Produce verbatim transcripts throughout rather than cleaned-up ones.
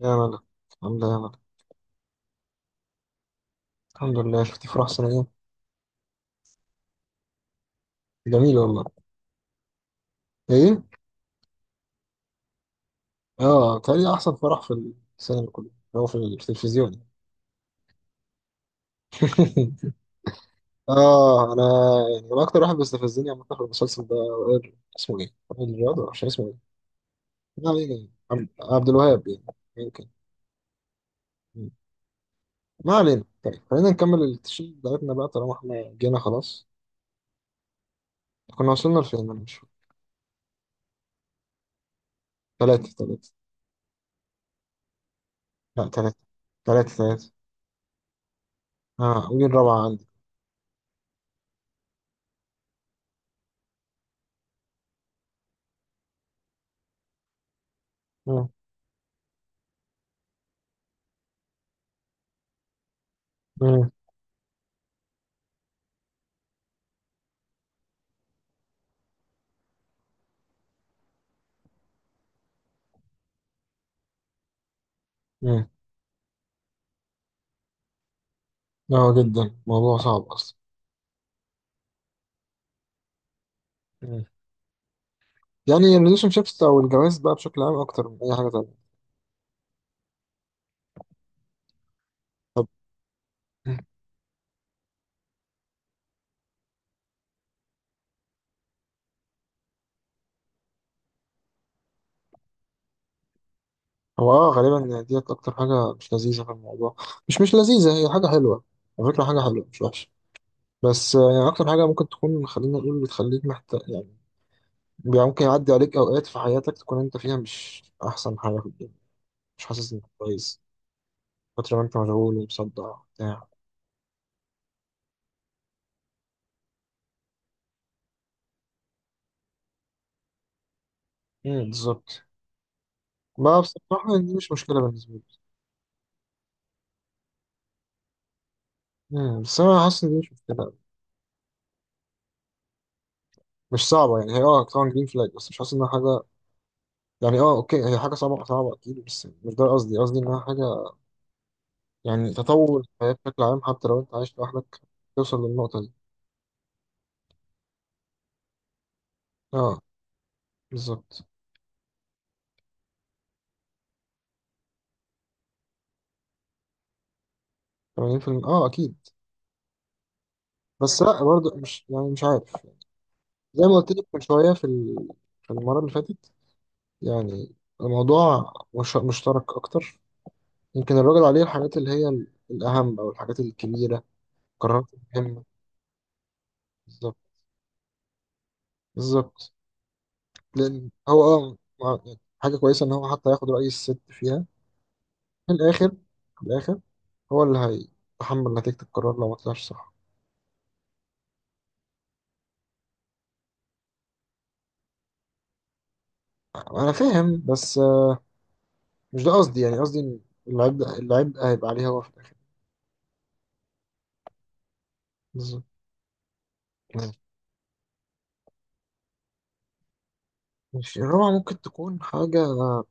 يا ملك. الحمد لله يا ملك. الحمد لله، شفتي فرح سنة ايه؟ جميل والله. ايه؟ اه، تاني احسن فرح في السينما، كله هو في التلفزيون. اه انا. يعني هو اكتر واحد بيستفزني عم في المسلسل ده وائل- اسمه ايه؟ وائل رياض، مش اسمه ايه؟ ما علينا يعني. عبد عبد الوهاب يعني، يمكن. مم. ما علينا. طيب خلينا نكمل التشيل بتاعتنا بقى طالما احنا جينا خلاص. كنا وصلنا لفين؟ انا مش فاكر. ثلاثة ثلاثة. لا ثلاثة ثلاثة ثلاثة. اه، ودي الرابعة عندي. مم. مم. مم. اه جدا، موضوع صعب اصلا. مم. يعني الريليشن شيبس او الجواز بقى بشكل عام اكتر من اي حاجه تانية. طب. مم. هو اه غالبا يعني ديت اكتر حاجه مش لذيذه في الموضوع. مش مش لذيذه، هي حاجه حلوه. على فكره حاجه حلوه مش وحشه. بس آه، يعني اكتر حاجه ممكن تكون، خلينا نقول، بتخليك محتاج يعني. يعني ممكن يعدي عليك اوقات في حياتك تكون انت فيها مش احسن حاجه في الدنيا، مش حاسس انك كويس، فتره ما انت مشغول ومصدع بتاع. مم. بالظبط. ما بصراحه دي مش مشكله بالنسبه لي. مم، بس انا حاسس ان دي مش مشكله. مش صعبة يعني. هي اه طبعا جرين فلاج، بس مش حاسس انها حاجة يعني. اه اوكي، هي حاجة صعبة صعبة اكيد، بس مش ده قصدي. قصدي انها حاجة يعني تطور الحياة بشكل عام حتى لو انت عايش لوحدك توصل للنقطة دي. اه بالظبط. ثمانين بالمية. اه اكيد. بس لا، برضه مش يعني، مش عارف. زي ما قلت لك من شوية في ال- في المرة اللي فاتت، يعني الموضوع مش مشترك اكتر. يمكن الراجل عليه الحاجات اللي هي ال- الاهم او الحاجات الكبيرة. قرارات مهمة. بالظبط. بالظبط. لان هو اه مع- يعني حاجه كويسه ان هو حتى ياخد راي الست فيها. في الاخر، في الاخر هو اللي هيتحمل نتيجه القرار لو ما طلعش صح. انا فاهم، بس آه، مش ده قصدي. يعني قصدي ان العبء، العبء هيبقى عليه هو في الاخر. بالظبط. ماشي، الرابعه ممكن تكون حاجه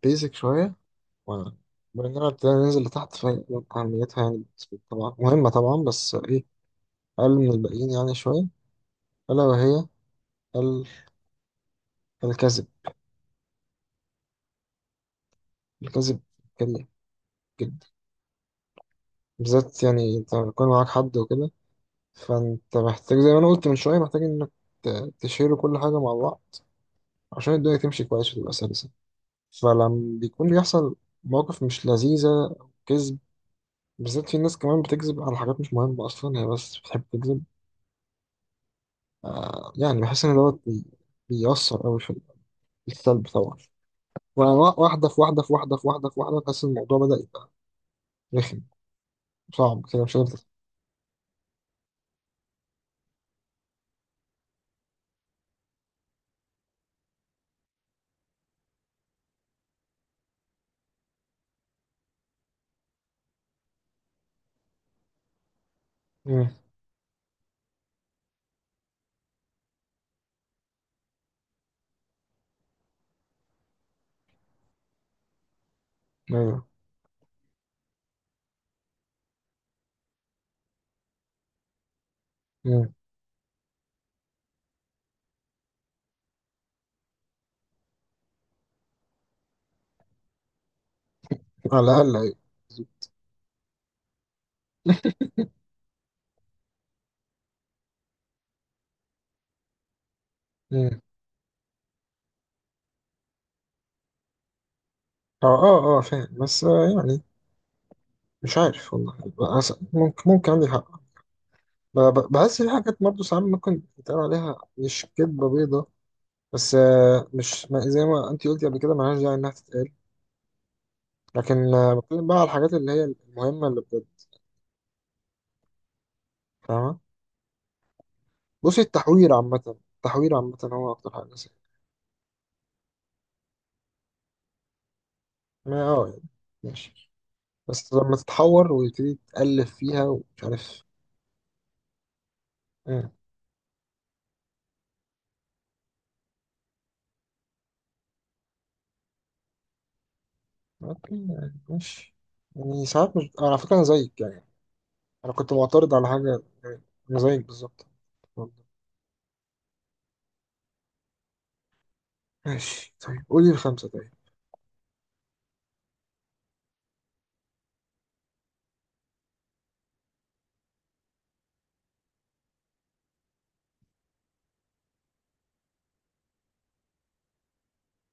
بيزك شويه و- باننا ابتدينا ننزل لتحت، فأهميتها يعني بالنسبة لي طبعا مهمة طبعا، بس إيه، أقل من الباقيين يعني شوية. ألا وهي ال- الكذب. الكذب كبير جدا، بالذات يعني انت بيكون معاك حد وكده. فانت محتاج زي ما انا قلت من شويه، محتاج انك ت- تشيلوا كل حاجه مع بعض عشان الدنيا تمشي كويس وتبقى سلسه. فلما بيكون بيحصل مواقف مش لذيذه او كذب، بالذات في ناس كمان بتكذب على حاجات مش مهمه اصلا، هي بس بتحب تكذب. يعني بحس ان دوت بي- بيأثر قوي في السلب طبعا. وأنا واحده في واحده في واحده في واحده في واحده، تحس إن الموضوع بدأ يبقى رخم، صعب كده مش قادر تت- مم. ايوه. مم. على الاقل ايوه. مم. اه اه اه فاهم، بس آه يعني مش عارف والله. بس- ممكن ممكن عندي حق. ب- ب- بحس في حاجات برضه ساعات ممكن يتقال عليها مش كدبة بيضة. بس آه مش، ما زي ما انت قلتي قبل كده ملهاش داعي انها تتقال. لكن آه بتكلم بقى على الحاجات اللي هي المهمة اللي بجد. فاهمة. بصي، التحوير عامة، التحوير عامة هو أكتر حاجة سيئة. ما اه يعني ماشي. بس لما تتحور ويبتدي تألف فيها ومش عارف. مم. اوكي يعني ماشي. يعني ساعات مش، على فكرة أنا زيك يعني. انا كنت معترض على حاجه يعني، انا زيك بالظبط، والله. ماشي طيب، قولي الخمسه طيب.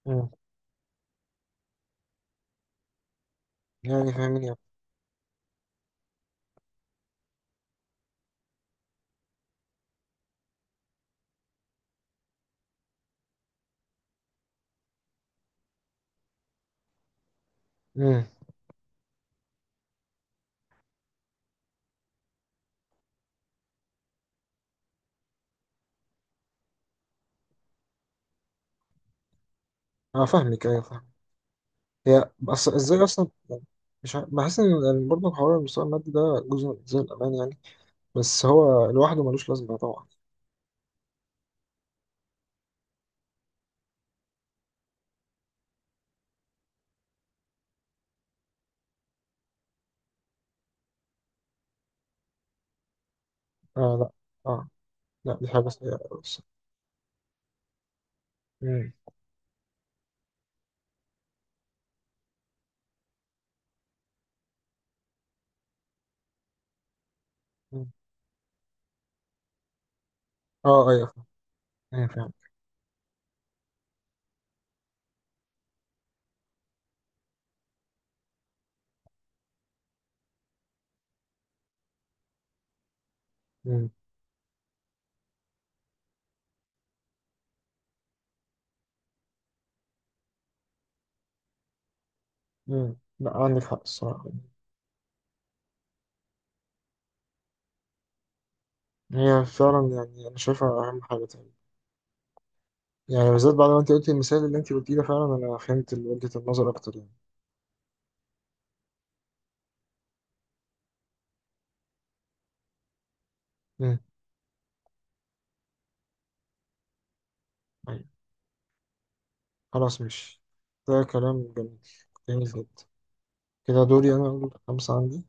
مم. يعني فاهمني. امم انا فاهمك، ايوه فاهم. هي بس ازاي اصلا يعني، مش عارف- بحس ان إن برضه حوار المستوى المادي ده جزء من زي الامان يعني، بس هو لوحده ملوش لازمه طبعا. آه لا. اه. لا دي حاجه سيئه أوي بس. مم. مم. اه ايوه فاهم. ايوه فاهم. مم. مم. لا عندك حق الصراحه. هي فعلا يعني انا شايفها اهم حاجه تاني. يعني بالذات بعد ما انت قلتي المثال اللي انت قلتيه ده، فعلا انا فهمت وجهة النظر اكتر يعني. مم. طيب. خلاص مش، ده كلام جميل، جميل جدا. كده دوري انا اقول خمسة عندي.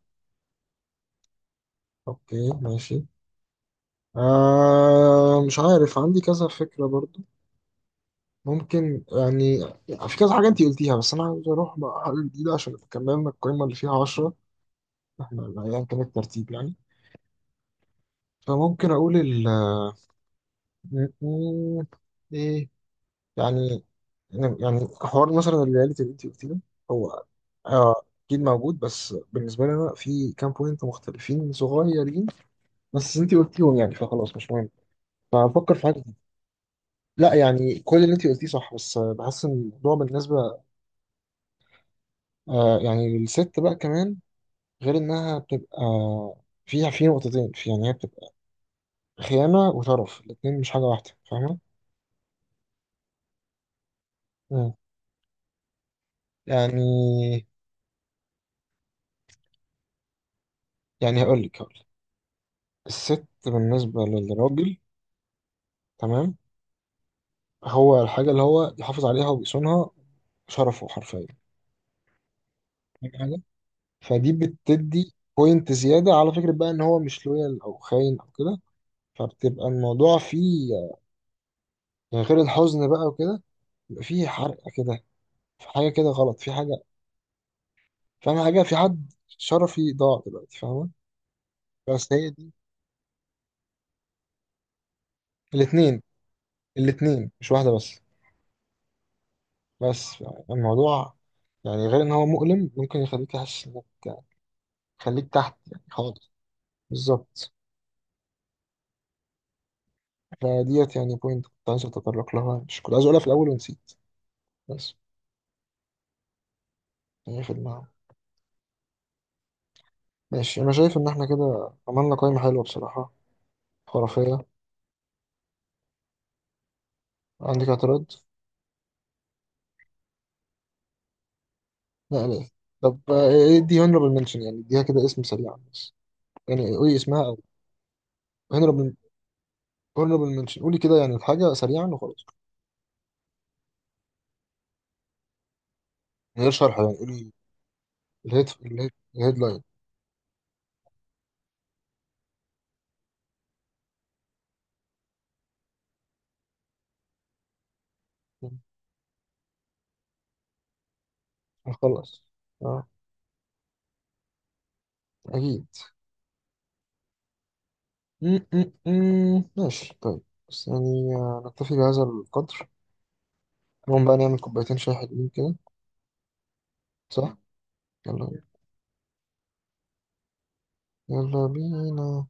اوكي ماشي. آه مش عارف، عندي كذا فكرة برضو، ممكن يعني. في كذا حاجة انت قلتيها، بس انا عاوز اروح بقى حاجة جديدة عشان كملنا القائمة اللي فيها عشرة. احنا ايا كان الترتيب يعني. فممكن اقول ال م- م- ايه يعني. يعني حوار مثلا الرياليتي اللي انت قلتيه ده، هو آه، اكيد موجود، بس بالنسبه لي انا في كام بوينت مختلفين صغيرين بس انت قلتيهم، يعني فخلاص مش مهم. فهفكر في حاجه جديدة. لا يعني كل اللي انت قلتيه صح، بس آه، بحس ان الموضوع بالنسبه آه يعني للست بقى كمان، غير انها بتبقى فيها في نقطتين، في يعني هي بتبقى خيانه وشرف، الاتنين مش حاجه واحده، فاهمه؟ مم. يعني، يعني هقول لك هقول لك، الست بالنسبه للراجل تمام هو الحاجة اللي هو يحافظ عليها ويصونها، شرفه حرفيا. فاهم حاجة؟ فدي بتدي بوينت زيادة على فكرة بقى إن هو مش لويال أو خاين أو كده. فبتبقى الموضوع فيه يعني غير الحزن بقى وكده، بيبقى فيه حرقة كده. في حاجة كده غلط، في حاجة، فاهم حاجة؟ في حد شرفي ضاع دلوقتي، فاهمة؟ بس هي دي الاتنين، الاتنين مش واحدة بس. بس يعني الموضوع يعني غير إن هو مؤلم، ممكن يخليك تحس إنك يعني، يخليك تحت يعني خالص. بالظبط. فديت يعني بوينت كنت عايز اتطرق لها، مش كنت عايز اقولها في الاول ونسيت بس، يعني هي في دماغي. ماشي، انا شايف ان احنا كده عملنا قائمة حلوة بصراحة، خرافية. عندك اعتراض؟ لا ليه. طب آه، ايه دي honorable mention؟ يعني اديها كده اسم سريعا بس، يعني قولي اسمها او honorable، honorable mention قولي كده، يعني الحاجة سريعا وخلاص. من غير شرح، يعني قولي الهيد الهيد الهيدلاين. خلاص. اه اكيد. م- م- م. ماشي طيب. بس يعني آه، نكتفي بهذا القدر. نقوم بقى نعمل كوبايتين شاي حلوين كده. صح. يلا بينا. يلا بينا